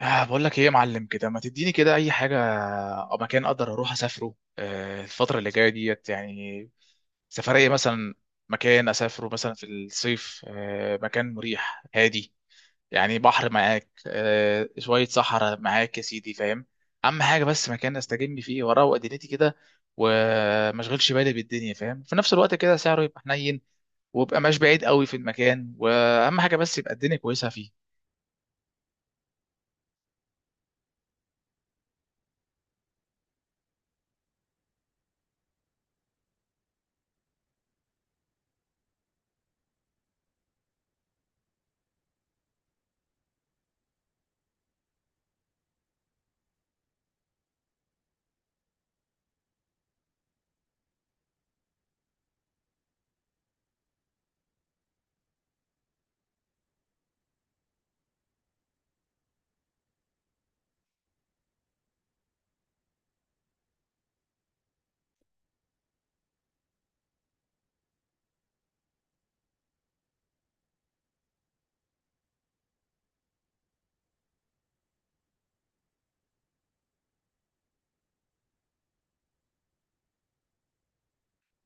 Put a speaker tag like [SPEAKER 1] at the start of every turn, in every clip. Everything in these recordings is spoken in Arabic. [SPEAKER 1] بقول لك ايه يا معلم كده، ما تديني كده اي حاجه او مكان اقدر اروح اسافره، الفتره اللي جايه ديت يعني، سفريه مثلا. مكان اسافره مثلا في الصيف، مكان مريح هادي، يعني بحر معاك، شويه صحراء معاك، يا سيدي، فاهم. اهم حاجه بس مكان استجم فيه واروق دنيتي كده، وما اشغلش بالي بالدنيا، فاهم، في نفس الوقت كده سعره يبقى حنين، ويبقى مش بعيد قوي في المكان، واهم حاجه بس يبقى الدنيا كويسه فيه.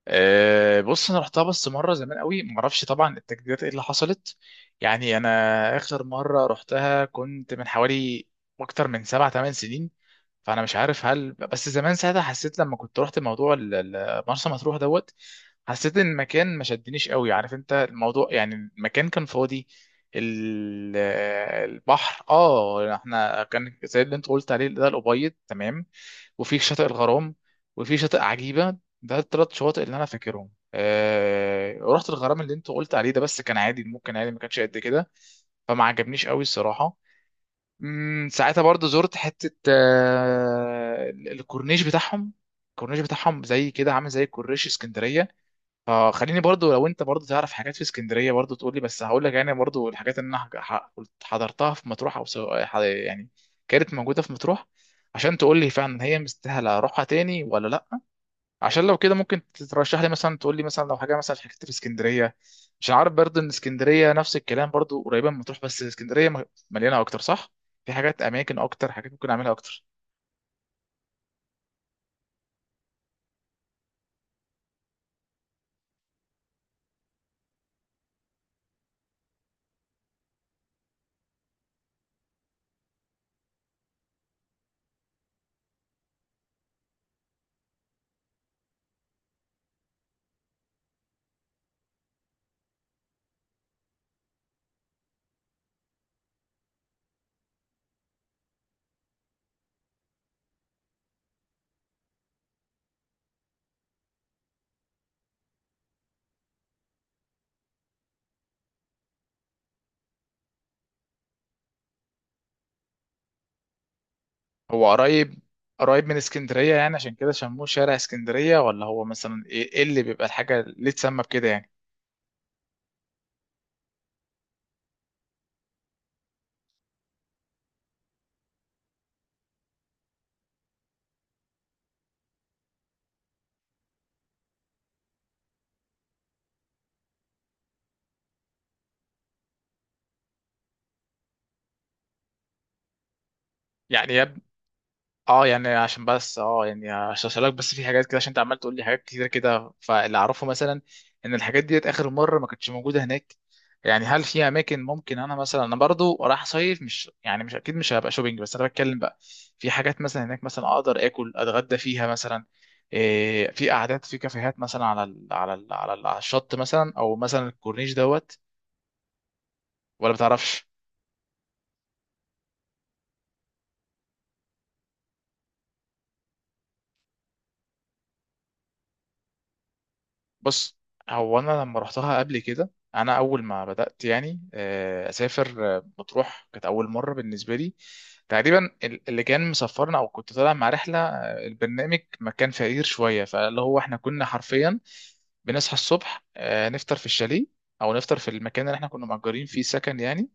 [SPEAKER 1] أه، بص انا رحتها بس مره زمان قوي، ما اعرفش طبعا التجديدات ايه اللي حصلت. يعني انا اخر مره رحتها كنت من حوالي اكتر من سبع ثمان سنين. فانا مش عارف، هل بس زمان ساعتها حسيت لما كنت رحت موضوع مرسى مطروح دوت، حسيت ان المكان ما شدنيش قوي. عارف انت الموضوع، يعني المكان كان فاضي. ال- البحر اه احنا كان زي اللي انت قلت عليه ده، الابيض تمام. وفي شاطئ الغرام، وفي شاطئ عجيبه، ده الثلاث شواطئ اللي انا فاكرهم. رحت الغرام اللي انت قلت عليه ده بس كان عادي، ممكن عادي، ما كانش قد كده. فما عجبنيش قوي الصراحه. ساعتها برضو زرت حتة، الكورنيش بتاعهم. الكورنيش بتاعهم زي كده عامل زي كورنيش اسكندرية. فخليني برضو لو انت برضو تعرف حاجات في اسكندرية برضو تقولي، بس هقول لك يعني برضو الحاجات اللي انا حضرتها في مطروح، او سواء يعني كانت موجودة في مطروح، عشان تقولي فعلا هي مستاهلة اروحها تاني ولا لا. عشان لو كده ممكن ترشح لي مثلا، تقول لي مثلا لو حاجه مثلا حكيت في اسكندريه. مش عارف برضه ان اسكندريه نفس الكلام برضه، قريبه من مطروح، بس اسكندريه مليانه اكتر، صح؟ في حاجات، اماكن اكتر، حاجات ممكن اعملها اكتر. هو قريب، قريب من اسكندريه يعني عشان كده سموه شارع اسكندريه، ولا هو مثلا ايه، إيه اللي بيبقى الحاجه ليه تسمى بكده يعني؟ يعني اه يعني عشان بس اه يعني عشان اسالك، بس في حاجات كده عشان انت عمال تقول لي حاجات كتير كده. فاللي اعرفه مثلا ان الحاجات ديت اخر مره ما كانتش موجوده هناك. يعني هل في اماكن، ممكن انا مثلا انا برضو رايح صيف، مش يعني مش اكيد مش هبقى شوبينج بس، انا بتكلم بقى. في حاجات مثلا هناك مثلا اقدر اكل اتغدى فيها مثلا. إيه، في قعدات في كافيهات مثلا على على الشط مثلا، او مثلا الكورنيش دوت، ولا بتعرفش؟ بص، هو انا لما رحتها قبل كده، انا اول ما بدات يعني اسافر، مطروح كانت اول مره بالنسبه لي. تقريبا اللي كان مسافرنا او كنت طالع مع رحله، البرنامج ما كان فقير شويه، فاللي هو احنا كنا حرفيا بنصحى الصبح، نفطر في الشاليه او نفطر في المكان اللي احنا كنا مأجرين فيه سكن يعني.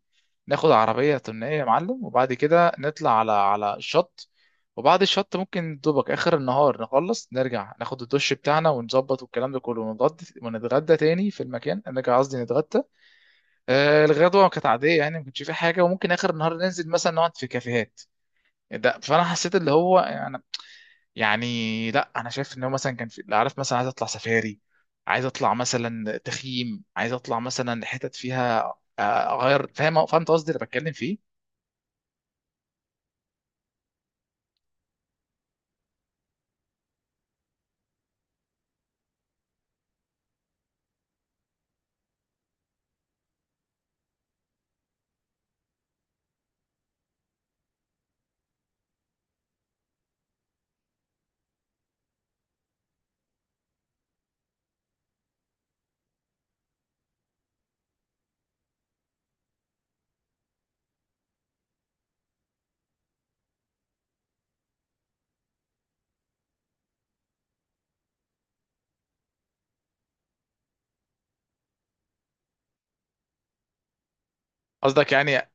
[SPEAKER 1] ناخد عربية طنية يا معلم، وبعد كده نطلع على الشط. وبعد الشط ممكن دوبك آخر النهار نخلص نرجع، ناخد الدش بتاعنا ونظبط والكلام ده كله، ونتغدى، ونتغدى تاني في المكان، نرجع قصدي نتغدى. آه الغدوة كانت عادية يعني ما كانش في حاجة، وممكن آخر النهار ننزل مثلا نقعد في كافيهات. ده فأنا حسيت اللي هو يعني، يعني لا أنا شايف إن هو مثلا كان في، عارف مثلا عايز أطلع سفاري، عايز أطلع مثلا تخييم، عايز أطلع مثلا حتت فيها آه، أغير، فاهم، فهمت قصدي اللي بتكلم فيه. قصدك يعني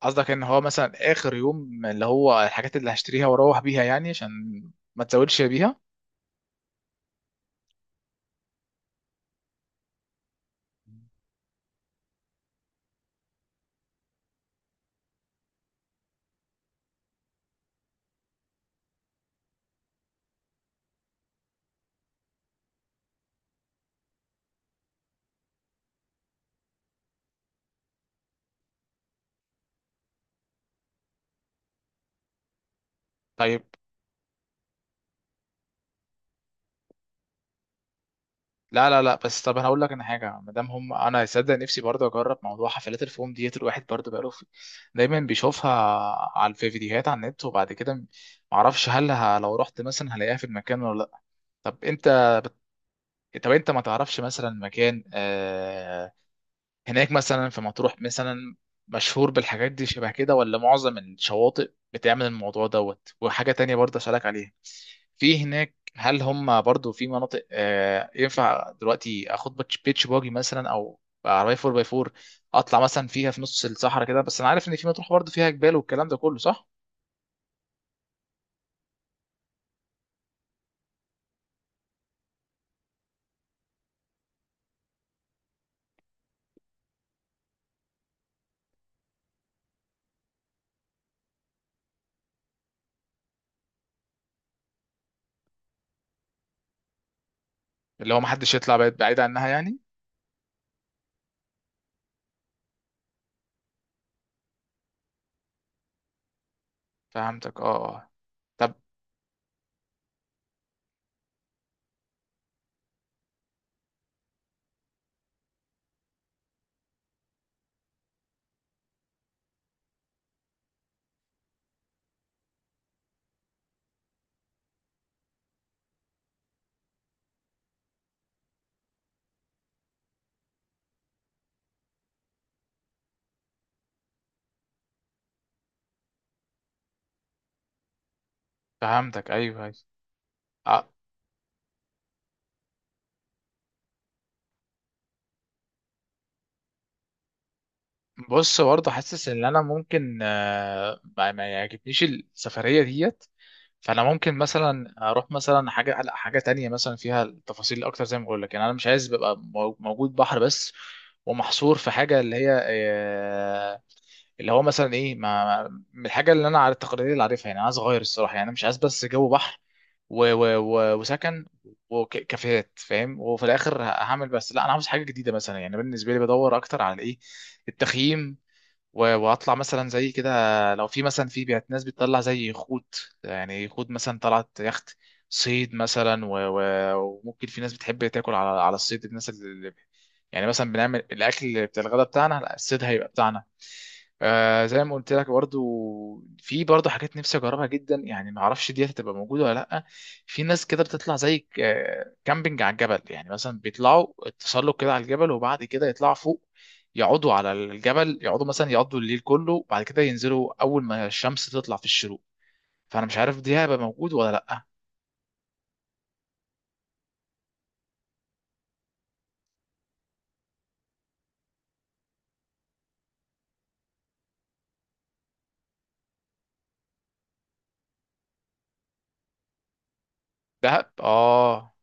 [SPEAKER 1] قصدك ان هو مثلا اخر يوم اللي هو الحاجات اللي هشتريها واروح بيها يعني عشان ما تزودش بيها. طيب. لا لا لا، بس طب انا هقول لك انا حاجه، ما دام هم، انا صدق نفسي برضه اجرب موضوع حفلات الفوم ديت. الواحد برضه بقاله في... دايما بيشوفها على في فيديوهات على النت، وبعد كده ما اعرفش هل لو رحت مثلا هلاقيها في المكان ولا لا. طب انت طب انت ما تعرفش مثلا مكان، هناك مثلا في مطروح مثلا مشهور بالحاجات دي شبه كده، ولا معظم الشواطئ بتعمل الموضوع دوت؟ وحاجة تانية برضه أسألك عليها، في هناك هل هم برضه في مناطق، ينفع دلوقتي اخد بيتش باجي مثلا، او عربية 4 باي 4 اطلع مثلا فيها في نص الصحراء كده؟ بس انا عارف ان في مطروح برضه فيها جبال والكلام ده كله، صح؟ اللي هو محدش يطلع بعيد بعيد عنها يعني. فهمتك اه آه. طب فهمتك ايوه ايوه. آه، بص برضه حاسس ان انا ممكن، ما يعجبنيش السفريه ديت. فانا ممكن مثلا اروح مثلا حاجه لا حاجه تانية مثلا فيها التفاصيل اكتر. زي ما بقول لك يعني انا مش عايز ببقى موجود بحر بس، ومحصور في حاجه اللي هي اللي هو مثلا ايه من الحاجه اللي انا على التقارير اللي عارفها يعني. أنا عايز اغير الصراحه، يعني أنا مش عايز بس جو بحر و و و وسكن وكافيهات، فاهم، وفي الاخر هعمل بس. لا انا عاوز حاجه جديده مثلا، يعني بالنسبه لي بدور اكتر على ايه، التخييم واطلع مثلا زي كده، لو في مثلا في بيت ناس بتطلع زي يخوت، يعني يخوت مثلا طلعت يخت، صيد مثلا و... و... وممكن في ناس بتحب تاكل على الصيد، الناس اللي يعني مثلا بنعمل الاكل بتاع الغداء بتاعنا لا، الصيد هيبقى بتاعنا. آه زي ما قلت لك برضو، في برضو حاجات نفسي اجربها جدا، يعني ما اعرفش دي هتبقى موجوده ولا لا. في ناس كده بتطلع زي كامبينج على الجبل، يعني مثلا بيطلعوا تسلق كده على الجبل وبعد كده يطلعوا فوق، يقعدوا على الجبل، يقعدوا مثلا يقعدوا الليل كله، وبعد كده ينزلوا اول ما الشمس تطلع في الشروق. فانا مش عارف دي هيبقى موجود ولا لا. دهب اه،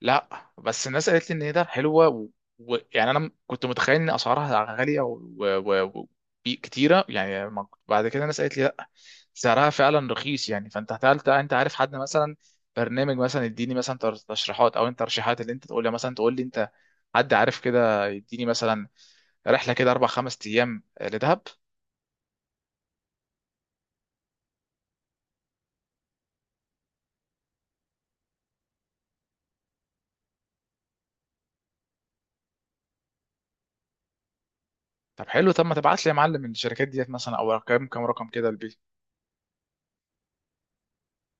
[SPEAKER 1] لا بس الناس قالت لي ان هي ده حلوه ويعني، و... يعني انا كنت متخيل ان اسعارها غاليه و... و... و... كتيره يعني بعد كده الناس قالت لي لا سعرها فعلا رخيص يعني. فانت هتقلت انت عارف حد مثلا برنامج مثلا يديني مثلا تشريحات، او انت ترشيحات اللي انت تقول لي مثلا، تقول لي انت حد عارف كده يديني مثلا رحله كده اربع خمس ايام لدهب. طب حلو، طب ما تبعت لي يا معلم الشركات ديت مثلا، او كام رقم كده؟